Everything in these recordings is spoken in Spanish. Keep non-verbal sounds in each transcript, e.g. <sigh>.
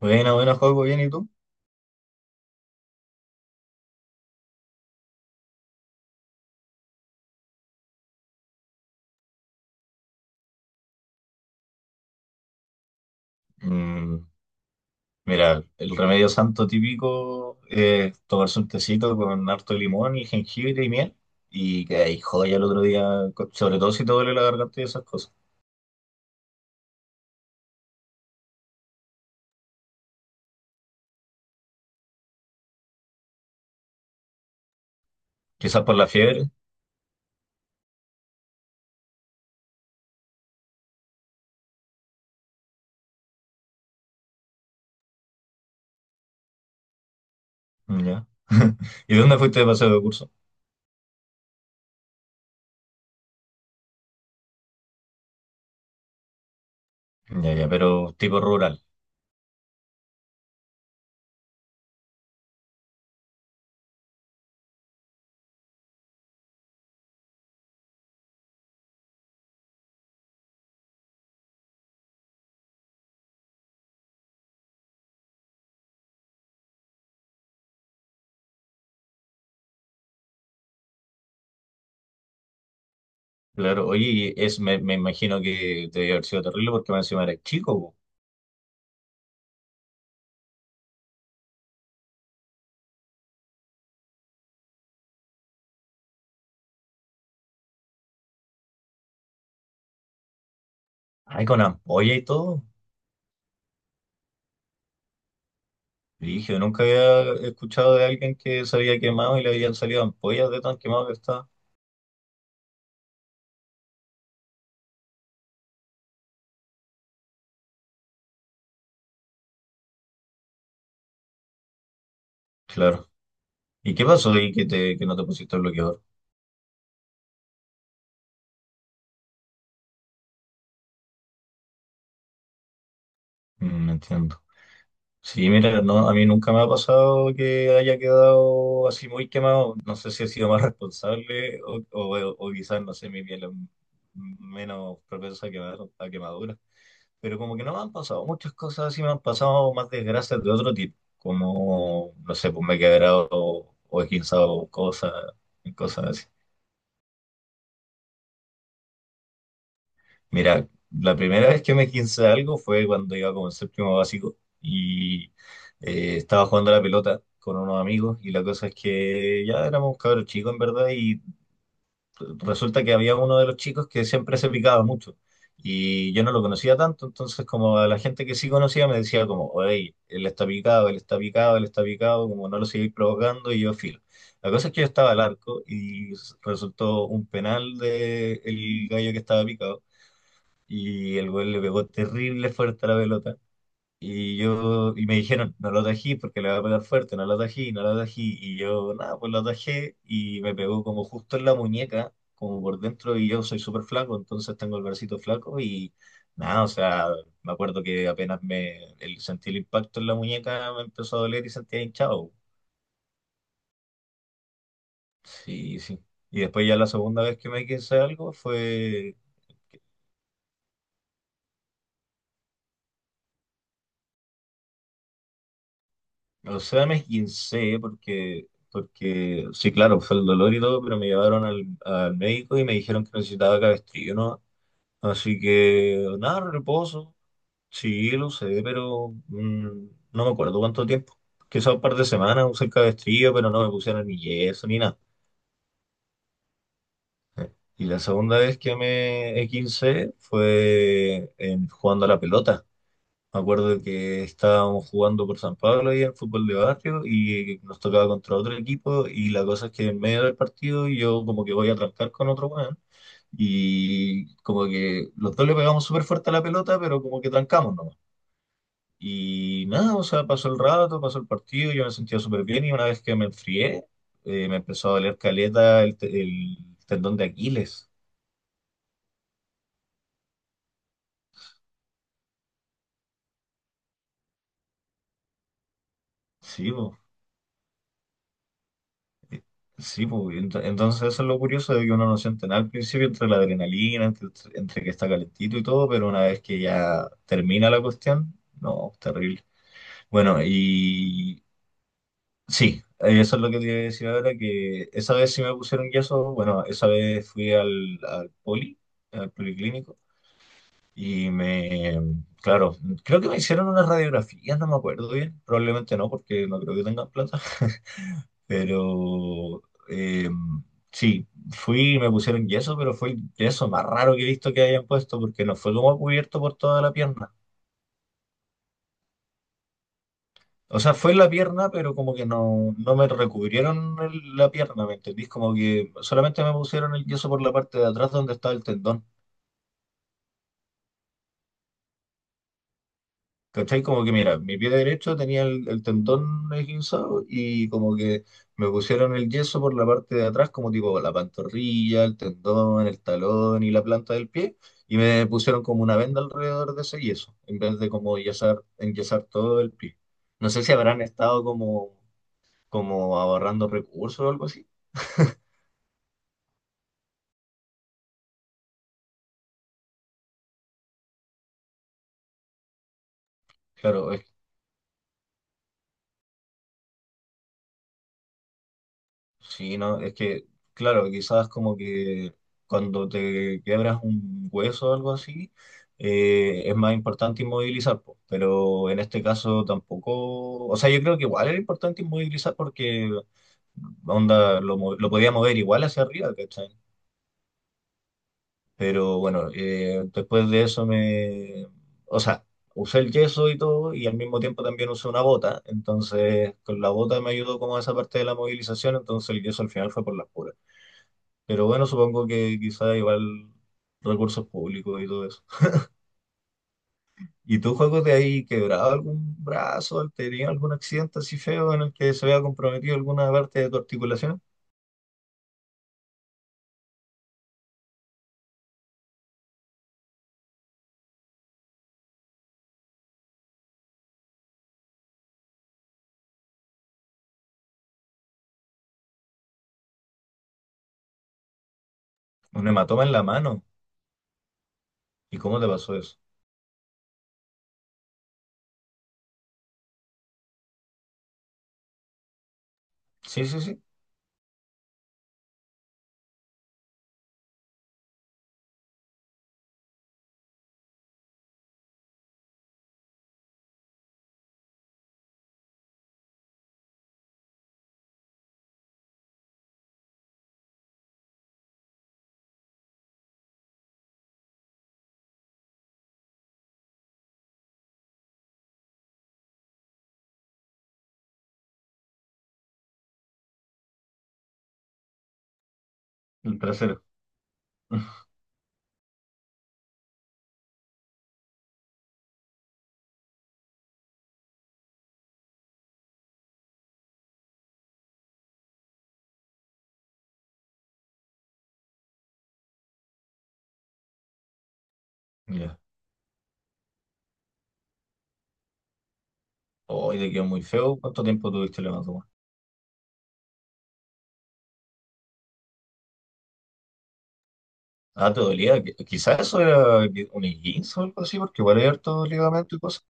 Buena, buena, juego, bien, ¿y tú? Mm, mira, el remedio santo típico es tomarse un tecito con harto limón y jengibre y miel y que ahí joya el otro día, sobre todo si te duele la garganta y esas cosas. Quizás por la fiebre, mm, ya. <laughs> ¿Y dónde fuiste de paseo de curso? Ya, ya, pero tipo rural. Claro, oye, me imagino que te debe haber sido terrible porque me encima eres chico, po. Ay, con ampolla y todo. Dije, nunca había escuchado de alguien que se había quemado y le habían salido ampollas de tan quemado que estaba. Claro. ¿Y qué pasó ahí que no te pusiste el bloqueador? Mm, entiendo. Sí, mira, no, a mí nunca me ha pasado que haya quedado así muy quemado. No sé si he sido más responsable o quizás, no sé, mi piel es menos propensa a quemar, a quemaduras. Pero como que no me han pasado muchas cosas así, me han pasado más desgracias de otro tipo. Como, no sé, pues me he quebrado o esguinzado cosas, cosas así. Mira, la primera vez que me quince algo fue cuando iba como en séptimo básico y estaba jugando a la pelota con unos amigos y la cosa es que ya éramos cabros chicos en verdad y resulta que había uno de los chicos que siempre se picaba mucho y yo no lo conocía tanto, entonces como a la gente que sí conocía me decía como, oye, él está picado, él está picado, él está picado, como no lo sigáis provocando y yo filo. La cosa es que yo estaba al arco y resultó un penal del gallo que estaba picado y el güey le pegó terrible fuerte a la pelota. Y yo, y me dijeron, no lo atají porque le va a pegar fuerte, no lo atají, no lo atají. Y yo, nada, pues lo atajé y me pegó como justo en la muñeca, como por dentro, y yo soy súper flaco, entonces tengo el bracito flaco y nada, o sea, me acuerdo que apenas sentí el impacto en la muñeca, me empezó a doler y sentía hinchado. Sí, sí. Y después ya la segunda vez que me quise algo fue. O sea, me esguincé porque, porque, sí, claro, fue el dolor y todo, pero me llevaron al, al médico y me dijeron que necesitaba cabestrillo, ¿no? Así que, nada, reposo. Sí, lo sé, pero no me acuerdo cuánto tiempo. Quizá un par de semanas usé el cabestrillo, pero no me pusieron ni yeso ni nada. Y la segunda vez que me esguincé fue jugando a la pelota. Me acuerdo que estábamos jugando por San Pablo ahí en fútbol de barrio y nos tocaba contra otro equipo y la cosa es que en medio del partido yo como que voy a trancar con otro weón y como que los dos le pegamos súper fuerte a la pelota pero como que trancamos nomás. Y nada, o sea, pasó el rato, pasó el partido, yo me sentía súper bien y una vez que me enfrié me empezó a doler caleta el tendón de Aquiles. Sí, po. Sí, pues, entonces eso es lo curioso de que uno no siente nada al principio entre la adrenalina, entre que está calentito y todo, pero una vez que ya termina la cuestión, no, terrible. Bueno, y sí, eso es lo que te iba a decir ahora, que esa vez sí me pusieron yeso, bueno, esa vez fui al poli, al policlínico, y me, claro, creo que me hicieron unas radiografías, no me acuerdo bien, probablemente no, porque no creo que tengan plata. <laughs> Pero eh, sí, fui y me pusieron yeso, pero fue el yeso más raro que he visto que hayan puesto, porque no fue como cubierto por toda la pierna. O sea, fue en la pierna, pero como que no, no me recubrieron la pierna, ¿me entendís? Como que solamente me pusieron el yeso por la parte de atrás donde estaba el tendón. ¿Cachai? Como que mira, mi pie derecho tenía el tendón esguinzado y como que me pusieron el yeso por la parte de atrás, como tipo la pantorrilla, el tendón, el talón y la planta del pie, y me pusieron como una venda alrededor de ese yeso, en vez de como yesar, enyesar todo el pie. No sé si habrán estado como, como ahorrando recursos o algo así. Claro, sí, no, es que, claro, quizás como que cuando te quiebras un hueso o algo así, es más importante inmovilizar, po, pero en este caso tampoco, o sea, yo creo que igual era importante inmovilizar porque onda lo, lo podía mover igual hacia arriba, ¿cachai? Pero bueno, después de eso me, o sea, usé el yeso y todo y al mismo tiempo también usé una bota, entonces con la bota me ayudó como esa parte de la movilización, entonces el yeso al final fue por las puras. Pero bueno, supongo que quizá igual recursos públicos y todo eso. ¿Y tú, Juego, te has quebrado algún brazo? ¿Has tenido algún accidente así feo en el que se vea comprometido alguna parte de tu articulación? Un hematoma en la mano. ¿Y cómo te pasó eso? Sí, sí, sí. El trasero. <laughs> Ya. Hoy te quedó muy feo. ¿Cuánto tiempo tuviste el hematoma? Ah, te dolía. Quizás eso era un esguince o algo así, porque igual hay harto ligamento y cosas.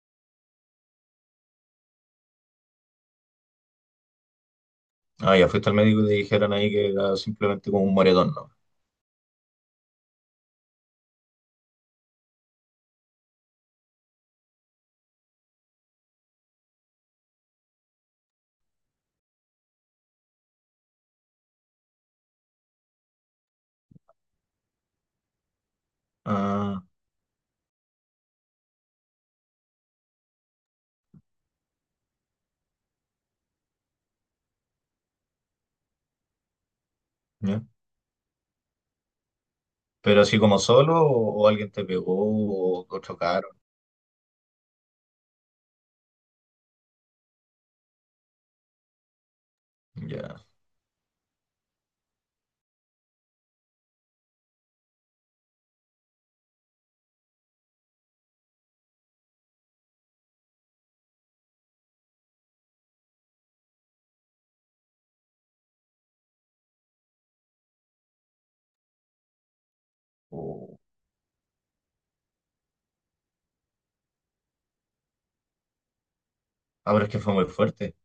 Ah, ya fuiste al médico y te dijeron ahí que era simplemente como un moretón, ¿no? Ah, ya. Pero así como solo, o alguien te pegó, o chocaron, ya. O... Ah, pero es que fue muy fuerte.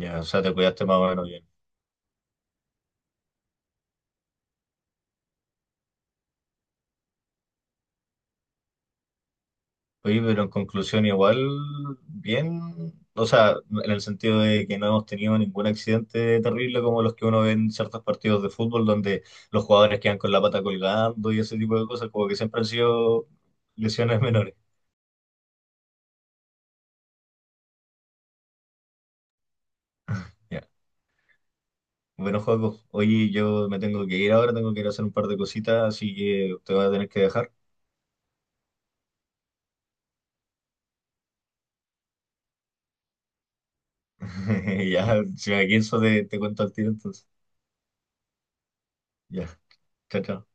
Ya, o sea, te cuidaste más o menos bien. Oye, pero en conclusión, igual, bien. O sea, en el sentido de que no hemos tenido ningún accidente terrible como los que uno ve en ciertos partidos de fútbol, donde los jugadores quedan con la pata colgando y ese tipo de cosas, como que siempre han sido lesiones <laughs> menores. Ya. Bueno, Joaco, oye, yo me tengo que ir ahora, tengo que ir a hacer un par de cositas, así que te voy a tener que dejar. <laughs> Ya, si me canso te cuento al tiro entonces. Ya, chao, chao.